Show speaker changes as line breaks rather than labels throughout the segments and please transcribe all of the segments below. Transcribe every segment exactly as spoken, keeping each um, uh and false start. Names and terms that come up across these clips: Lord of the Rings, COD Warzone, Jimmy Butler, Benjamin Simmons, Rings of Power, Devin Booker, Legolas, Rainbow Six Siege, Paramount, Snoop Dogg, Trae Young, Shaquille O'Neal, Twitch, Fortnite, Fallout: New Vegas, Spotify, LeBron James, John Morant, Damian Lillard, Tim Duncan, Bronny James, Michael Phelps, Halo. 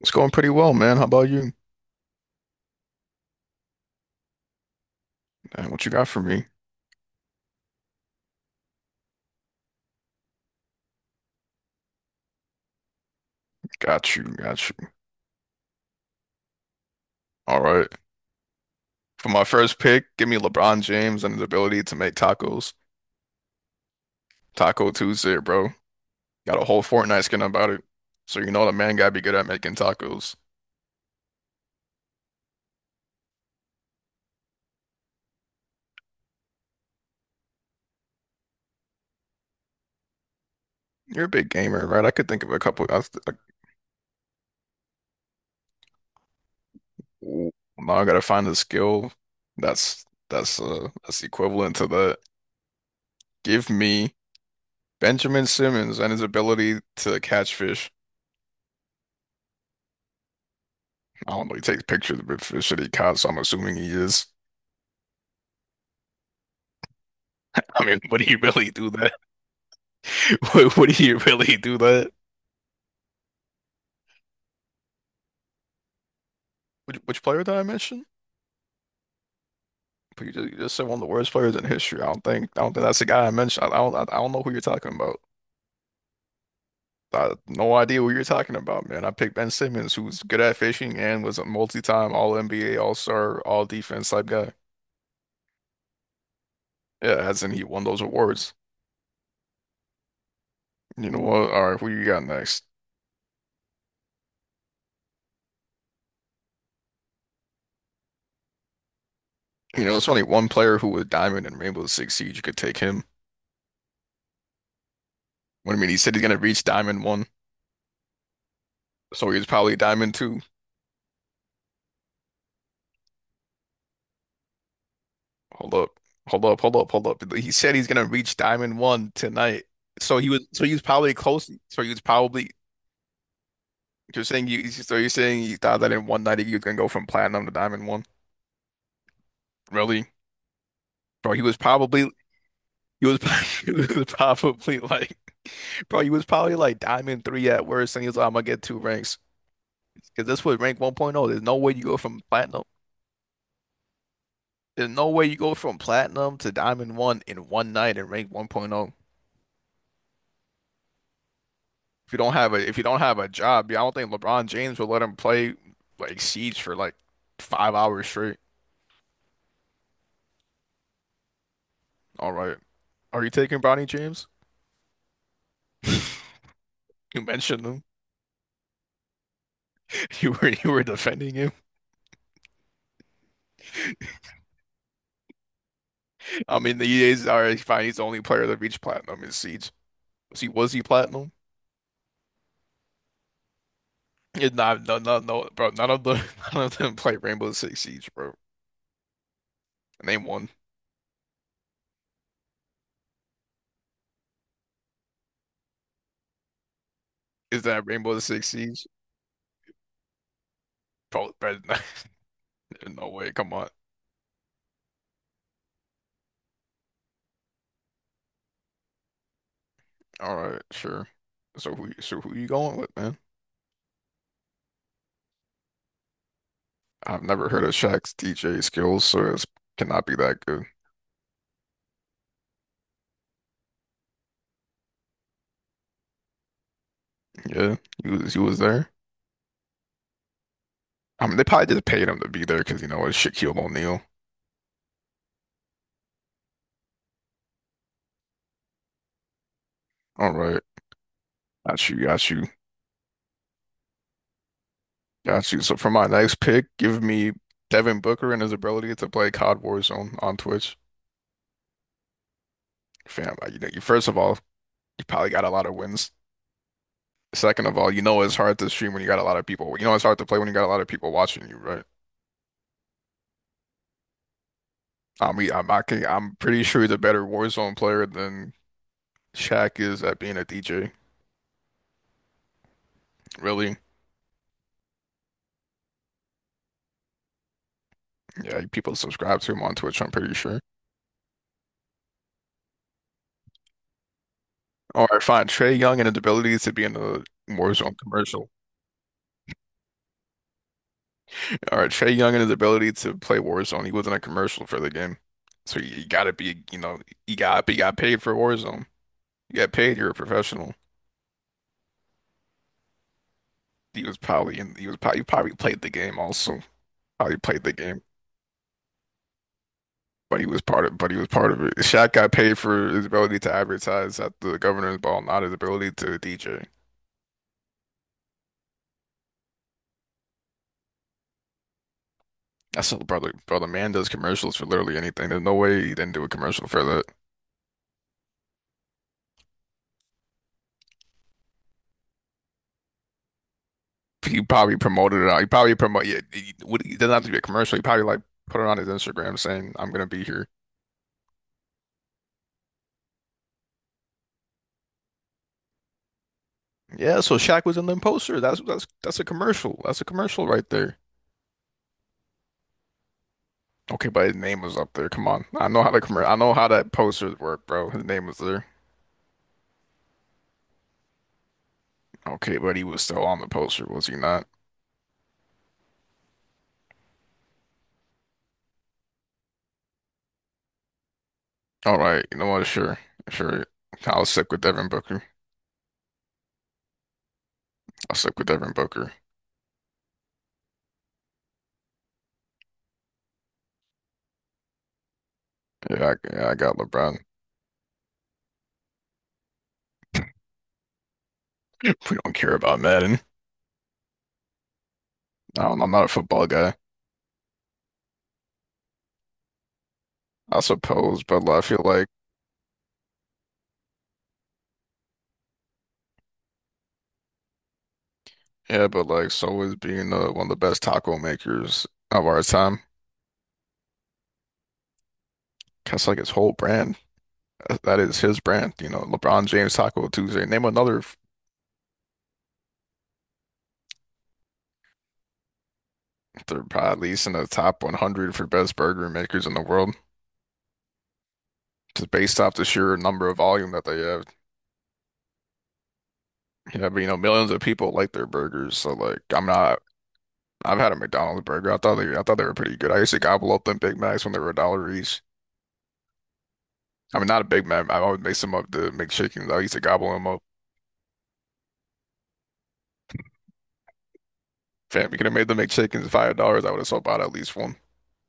It's going pretty well, man. How about you? Uh, What you got for me? Got you, got you. All right. For my first pick, give me LeBron James and his ability to make tacos. Taco Tuesday, bro. Got a whole Fortnite skin about it. So you know the man gotta be good at making tacos. You're a big gamer, right? I could think of a couple. I, I, ooh, now I gotta find a skill that's that's uh that's equivalent to that. Give me Benjamin Simmons and his ability to catch fish. I don't know. He takes pictures of the fish that he caught, so I'm assuming he is. I mean, would he really do that? Would, would he really do that? Which, which player did I mention? But you just, you just said one of the worst players in history. I don't think I don't think that's the guy I mentioned. I, I don't I, I don't know who you're talking about. I no idea what you're talking about, man. I picked Ben Simmons, who's good at fishing and was a multi-time All N B A, All Star, All Defense type guy. Yeah, as in he won those awards. You know what? All right, who you got next? You know, it's only one player who was Diamond in Rainbow Six Siege. You could take him. What do you mean? He said he's gonna reach Diamond one, so he's probably Diamond two. Hold up. Hold up. Hold up. Hold up. He said he's gonna reach Diamond One tonight. So he was so he was probably close. So he was probably. You're saying you so you're saying you thought that in one night you can go from platinum to diamond one? Really? Bro, he was probably he was, he was probably like bro, he was probably like diamond three at worst and he was like, I'm gonna get two ranks. Because this was rank 1.0. There's no way you go from platinum. There's no way you go from platinum to diamond one in one night in rank 1.0. If you don't have a if you don't have a job, yeah, I don't think LeBron James will let him play like Siege for like five hours straight. All right. Are you taking Bronny James? You mentioned him. You were you were defending him. I mean the E A's already fine, he's the only player that reached platinum in Siege. Was he was he platinum? Yeah, nah, no no no bro, none of the none of them played Rainbow Six Siege, bro. Name one. Is that Rainbow Six Siege? Bro, bro, no way, come on. All right, sure. So who so who you going with, man? I've never heard of Shaq's D J skills, so it cannot be that good. Yeah, he was he was there. I mean, they probably just paid him to be there because you know it's Shaquille O'Neal. All right, got you, got you, got you. So for my next pick, give me Devin Booker and his ability to play C O D Warzone on Twitch. Fam, like, you know, you first of all, you probably got a lot of wins. Second of all, you know it's hard to stream when you got a lot of people. You know it's hard to play when you got a lot of people watching you, right? I mean, I'm I can, I'm pretty sure he's a better Warzone player than Shaq is at being a D J. Really? Yeah, people subscribe to him on Twitch, I'm pretty sure. All right, fine. Trae Young and his ability to be in a Warzone commercial. All right, Trae Young and his ability to play Warzone. He was in a commercial for the game. So you, gotta be, you know, you got you got paid for Warzone. You got paid, you're a professional. He was probably in, he was probably probably played the game also. Probably played the game. But he was part of but he was part of it. Shaq got paid for his ability to advertise at the governor's ball, not his ability to D J. That's what, brother, bro. The man does commercials for literally anything. There's no way he didn't do a commercial for that. He probably promoted it out. He probably promote. Yeah, he, would- it doesn't have to be a commercial. He probably like put it on his Instagram saying, "I'm gonna be here." Yeah, so Shaq was in the poster. That's that's that's a commercial. That's a commercial right there. Okay, but his name was up there. Come on, I know how the commer. I know how that posters work, bro. His name was there. Okay, but he was still on the poster, was he not? All right, you know what? Sure, sure. I'll stick with Devin Booker. I'll stick with Devin Booker. Yeah, I, yeah, I got LeBron. We don't care about Madden. I don't, I'm not a football guy, I suppose, but like, I feel like, yeah, but like, so is being uh, one of the best taco makers of our time. That's like his whole brand. That that is his brand. You know, LeBron James Taco Tuesday. Name another f- they're probably at least in the top one hundred for best burger makers in the world, just based off the sheer number of volume that they have. Yeah, but you know, millions of people like their burgers. So like, I'm not. I've had a McDonald's burger. I thought they, I thought they were pretty good. I used to gobble up them Big Macs when they were a dollar each. I mean, not a Big man. I always make some of the McChickens. I used to gobble them up. Fam, we could have made the McChickens five dollars. I would have sold out at least one.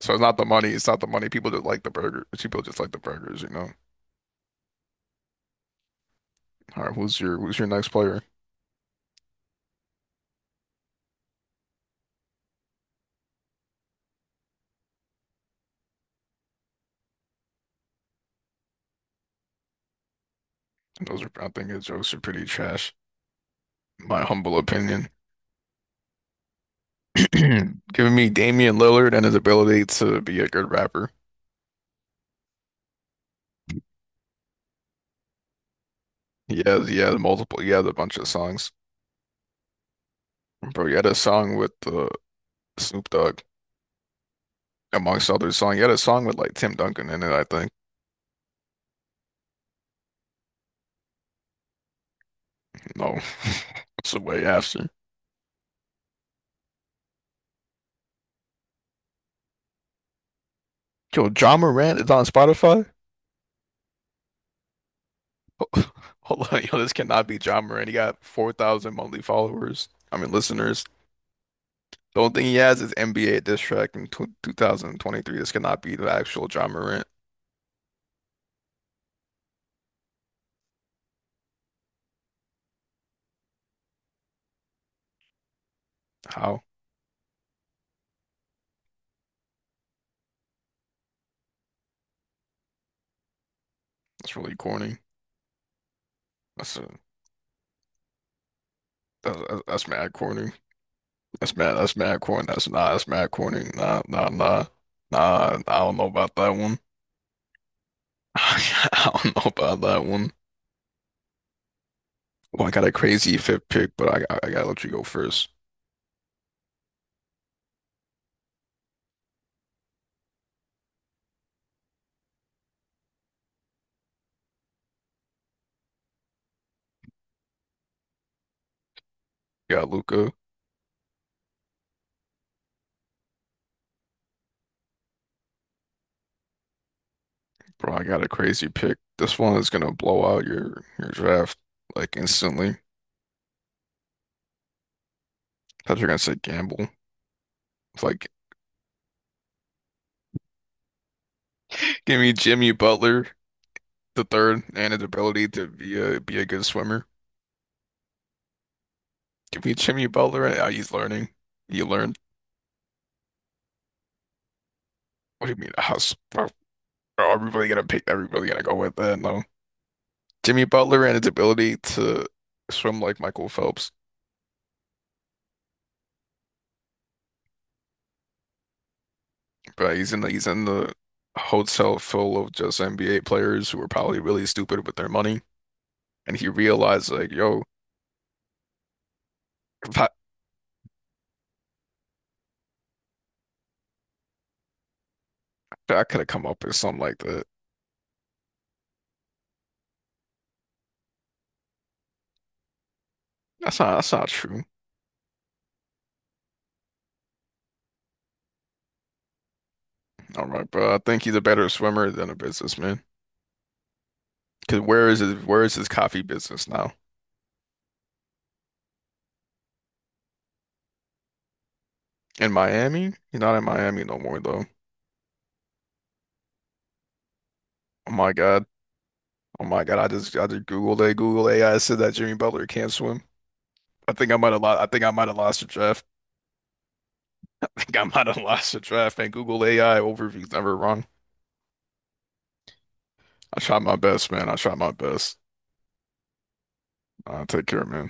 So it's not the money. It's not the money. People just like the burger. People just like the burgers, you know. All right, who's your who's your next player? Those are, I think his jokes are pretty trash, my humble opinion. Giving me Damian Lillard and his ability to be a good rapper. He has he has multiple. He has a bunch of songs, bro. He had a song with uh, Snoop Dogg, amongst others. Song he had a song with like Tim Duncan in it, I think. No, that's the way after. Yo, John Morant is on Spotify? Hold on, yo, this cannot be John Morant. He got four thousand monthly followers. I mean, listeners. The only thing he has is N B A diss track in tw two thousand twenty-three. This cannot be the actual John Morant. How? That's really corny. That's a, that's, that's that's mad corny. That's mad. That's mad corny. That's nah. That's mad corny. Nah, nah, nah, nah. I don't know about that one. I don't know about that one. Well, I got a crazy fifth pick, but I, I, I gotta let you go first. Got Luca. Bro, I got a crazy pick. This one is gonna blow out your your draft like instantly. Thought you are gonna say Gamble. It's like give me Jimmy Butler the third and his ability to be a be a good swimmer. Give me Jimmy Butler and uh, he's learning. He learned. What do you mean? How's are are we really gonna pick? Are we really gonna go with that? No. Jimmy Butler and his ability to swim like Michael Phelps. But he's in the he's in the hotel full of just N B A players who are probably really stupid with their money. And he realized like, yo, if I, I could have come up with something like that. That's not that's not true. All right, bro. I think he's a better swimmer than a businessman. Cause where is his where is his coffee business now? In Miami? He's not in Miami no more though. Oh my God. Oh my God. I just I just Googled it. Google A I said that Jimmy Butler can't swim. I think I might have lost I think I might have lost the draft. I think I might have lost the draft and Google A I overview's never wrong. I tried my best, man. I tried my best. Uh, take care, man.